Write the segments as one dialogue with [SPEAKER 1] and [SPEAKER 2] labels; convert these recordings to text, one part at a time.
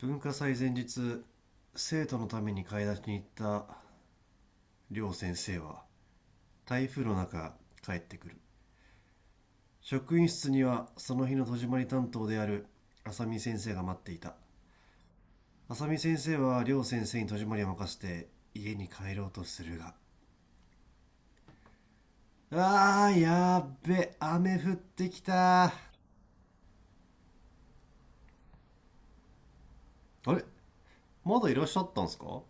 [SPEAKER 1] 文化祭前日、生徒のために買い出しに行った両先生は台風の中帰ってくる。職員室にはその日の戸締まり担当である浅見先生が待っていた。浅見先生は両先生に戸締まりを任せて家に帰ろうとするが、あーやっべ、雨降ってきた。あれ、まだいらっしゃったんすか？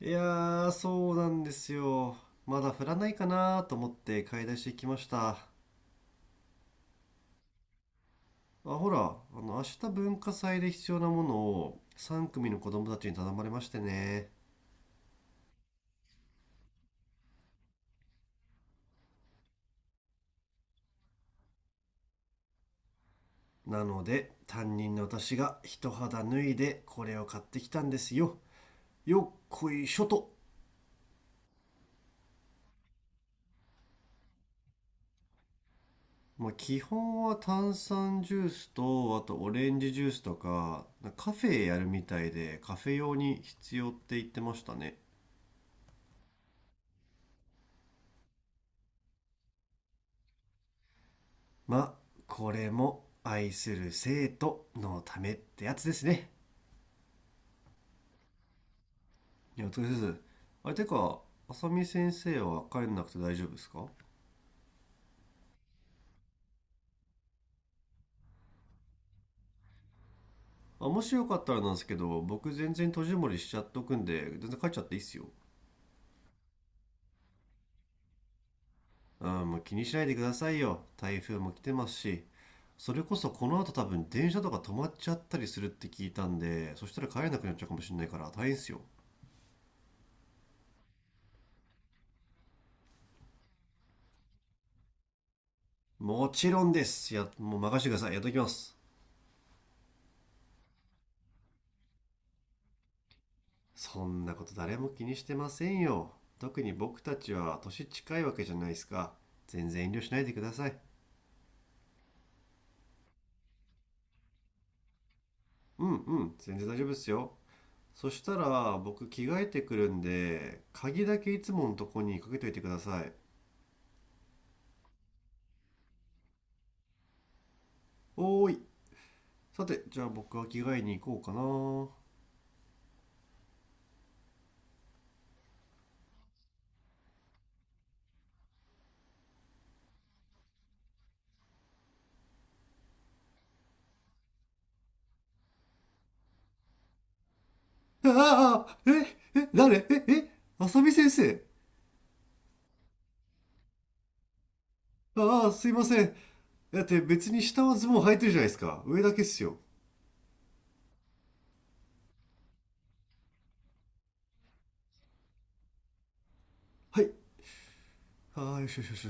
[SPEAKER 1] いやーそうなんですよ。まだ降らないかなと思って買い出し行きました。あ、ほら、明日文化祭で必要なものを3組の子供たちに頼まれましてね。なので、担任の私が一肌脱いでこれを買ってきたんですよ。よっこいしょと。まあ、基本は炭酸ジュースと、あとオレンジジュースとか、カフェやるみたいで、カフェ用に必要って言ってましたね。まあ、これも愛する生徒のためってやつですね。いや、お疲れ様です。あれ、てか、浅見先生は帰んなくて大丈夫ですか？あ、もしよかったらなんですけど、僕全然閉じこもりしちゃっとくんで、全然帰っちゃっていいっすよ。あー、もう気にしないでくださいよ。台風も来てますし、それこそこの後多分電車とか止まっちゃったりするって聞いたんで、そしたら帰れなくなっちゃうかもしれないから大変っすよ。もちろんです。や、もう任せてください。やっときます。そんなこと誰も気にしてませんよ。特に僕たちは年近いわけじゃないですか。全然遠慮しないでください。うんうん、全然大丈夫ですよ。そしたら僕着替えてくるんで、鍵だけいつものとこにかけといてください。おーい。さてじゃあ僕は着替えに行こうかな。ああ、ええ、誰、ええ、浅見先生。ああ、すいません。だって別に下はズボン履いてるじゃないですか。上だけっすよ。はい。ああ、よしよしよし。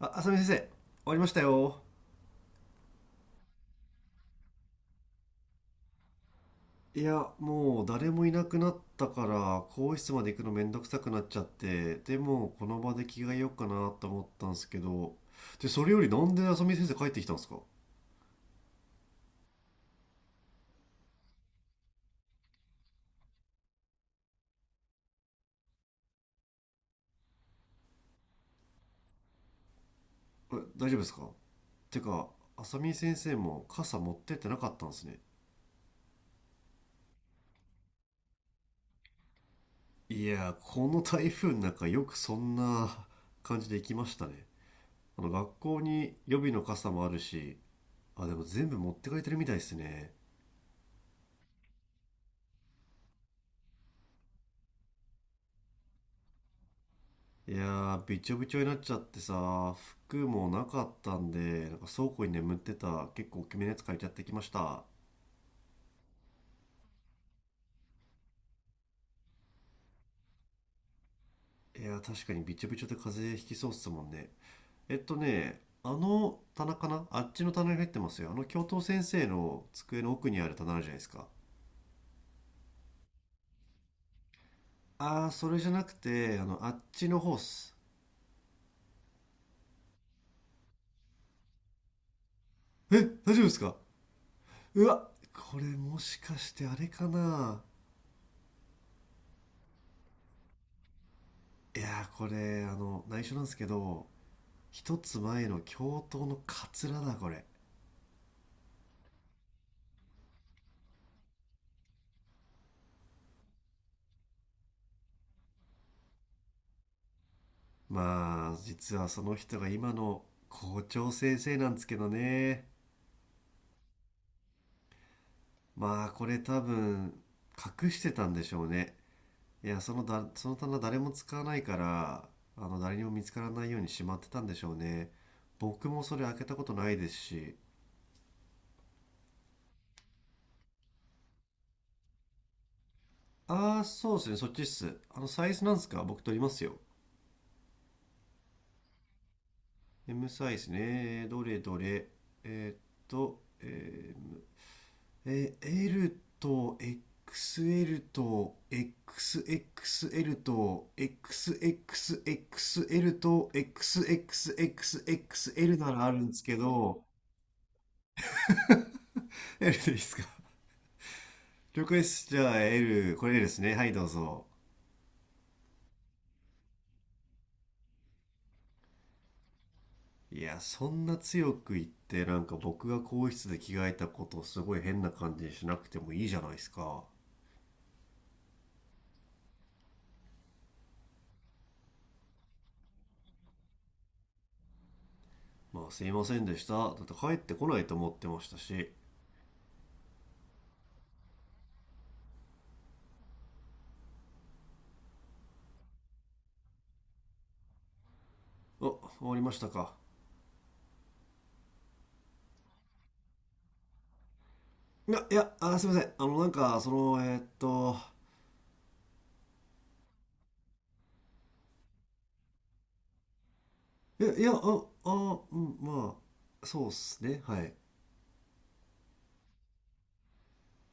[SPEAKER 1] あ、浅見先生、終わりましたよ。いや、もう誰もいなくなったから、更衣室まで行くのめんどくさくなっちゃって、でもこの場で着替えようかなと思ったんですけど、で、それよりなんで浅見先生帰ってきたんですか？え、大丈夫ですか？てか、浅見先生も傘持ってってなかったんですね。いや、この台風の中よくそんな感じで行きましたね。学校に予備の傘もあるし、あ、でも全部持ってかれてるみたいですね。いやー、びちょびちょになっちゃってさ、服もなかったんで、なんか倉庫に眠ってた結構大きめのやつ借りちゃってきました。いやー、確かにびちょびちょで風邪ひきそうっすもんね。棚かな、あっちの棚に入ってますよ。教頭先生の机の奥にある棚あるじゃないですか。あー、それじゃなくて、あっちのホース。え、大丈夫ですか？うわ、これもしかしてあれかな。いやー、これ、内緒なんですけど、一つ前の教頭のカツラだこれ。まあ実はその人が今の校長先生なんですけどね。まあこれ多分隠してたんでしょうね。いやだ、その棚誰も使わないから、誰にも見つからないようにしまってたんでしょうね。僕もそれ開けたことないですし。ああそうですね、そっちっす。サイズなんですか？僕取りますよ。 M サイズね、どれどれ。えーっと、えーL と XL と XXL と XXXL と XXXXL ならあるんですけど、L でいいですか？了解です。じゃあ L、これ L ですね。はい、どうぞ。いや、そんな強く言って、なんか僕が更衣室で着替えたことをすごい変な感じにしなくてもいいじゃないですか。まあ、すいませんでした。だって帰ってこないと思ってましたし。あ、終わりましたか。いや、いや、あ、すみません。いや、いや、あ、あ、うん、まあ、そうっすね。はい。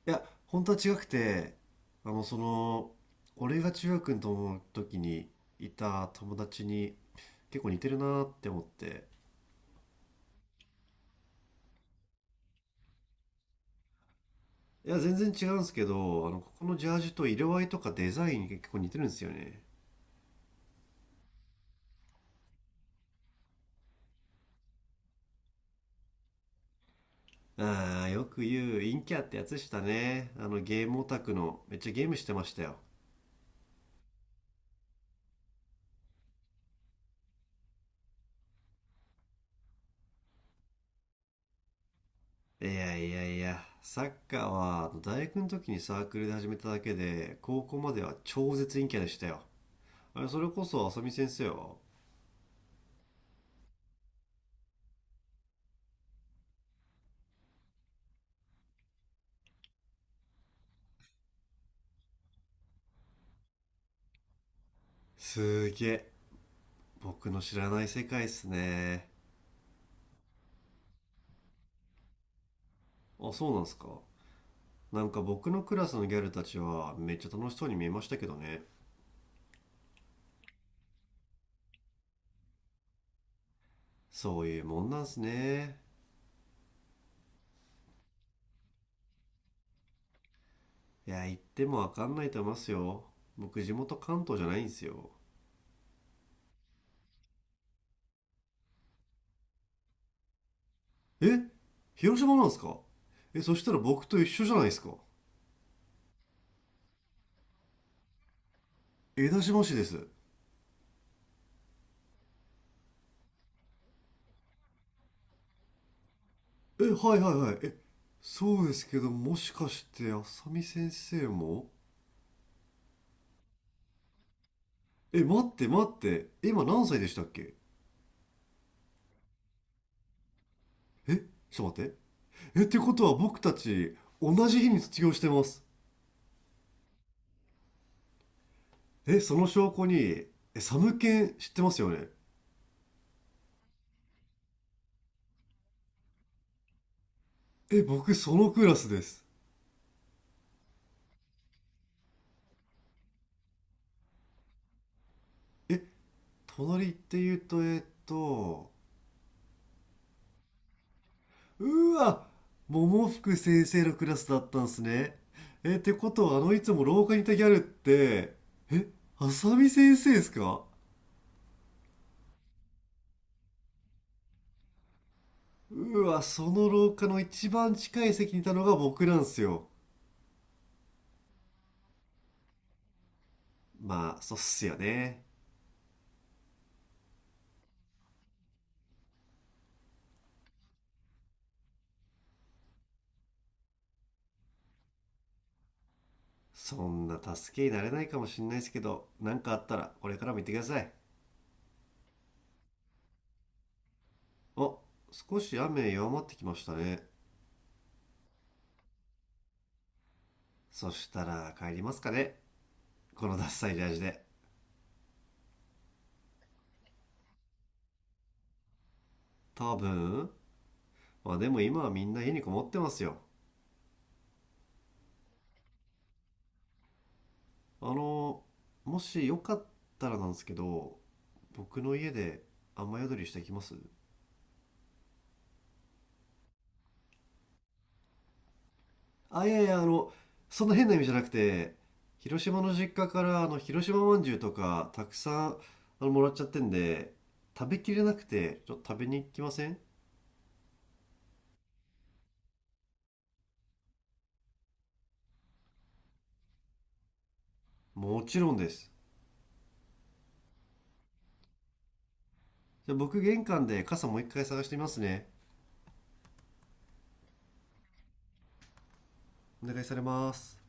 [SPEAKER 1] いや、本当は違くて、あの、その、俺が中学の時にいた友達に結構似てるなって思って。いや、全然違うんですけど、ここのジャージと色合いとかデザイン結構似てるんですよね。ああ、よく言う、陰キャってやつでしたね。ゲームオタクの、めっちゃゲームしてましたよ。いやいやいや、サッカーは大学の時にサークルで始めただけで、高校までは超絶陰キャでしたよ。あれ、それこそ浅見先生は。すーげえ、僕の知らない世界っすね。あ、そうなんすか。なんか僕のクラスのギャルたちはめっちゃ楽しそうに見えましたけどね。そういうもんなんすね。いや、言ってもわかんないと思いますよ。僕地元関東じゃないんすよ。え、広島なんすか？え、そしたら僕と一緒じゃないですか。江田島市です。え、はいはいはい。え、そうですけど、もしかして、あさみ先生も。え、待って待って。今何歳でしたっけ？え、ちょっと待って。え、ってことは僕たち、同じ日に卒業してます。え、その証拠に、え、サムケン知ってますよね？え、僕そのクラスです。え、隣って言うと、えっと、うわ、桃福先生のクラスだったんすね。え、ってことは、あのいつも廊下にいたギャルって、え、あさみ先生ですか？うわ、その廊下の一番近い席にいたのが僕なんですよ。まあ、そうっすよね。そんな助けになれないかもしんないですけど、何かあったらこれからも言ってください。お、少し雨弱まってきましたね。そしたら帰りますかね。このダッサいジャージで。多分。まあでも今はみんな家にこもってますよ。あの、もしよかったらなんですけど、僕の家で雨宿りしてきます？あ、いやいや、そんな変な意味じゃなくて、広島の実家から広島まんじゅうとかたくさんもらっちゃってんで、食べきれなくてちょっと食べに行きません？もちろんです。じゃあ僕玄関で傘もう一回探してみますね。お願いされます。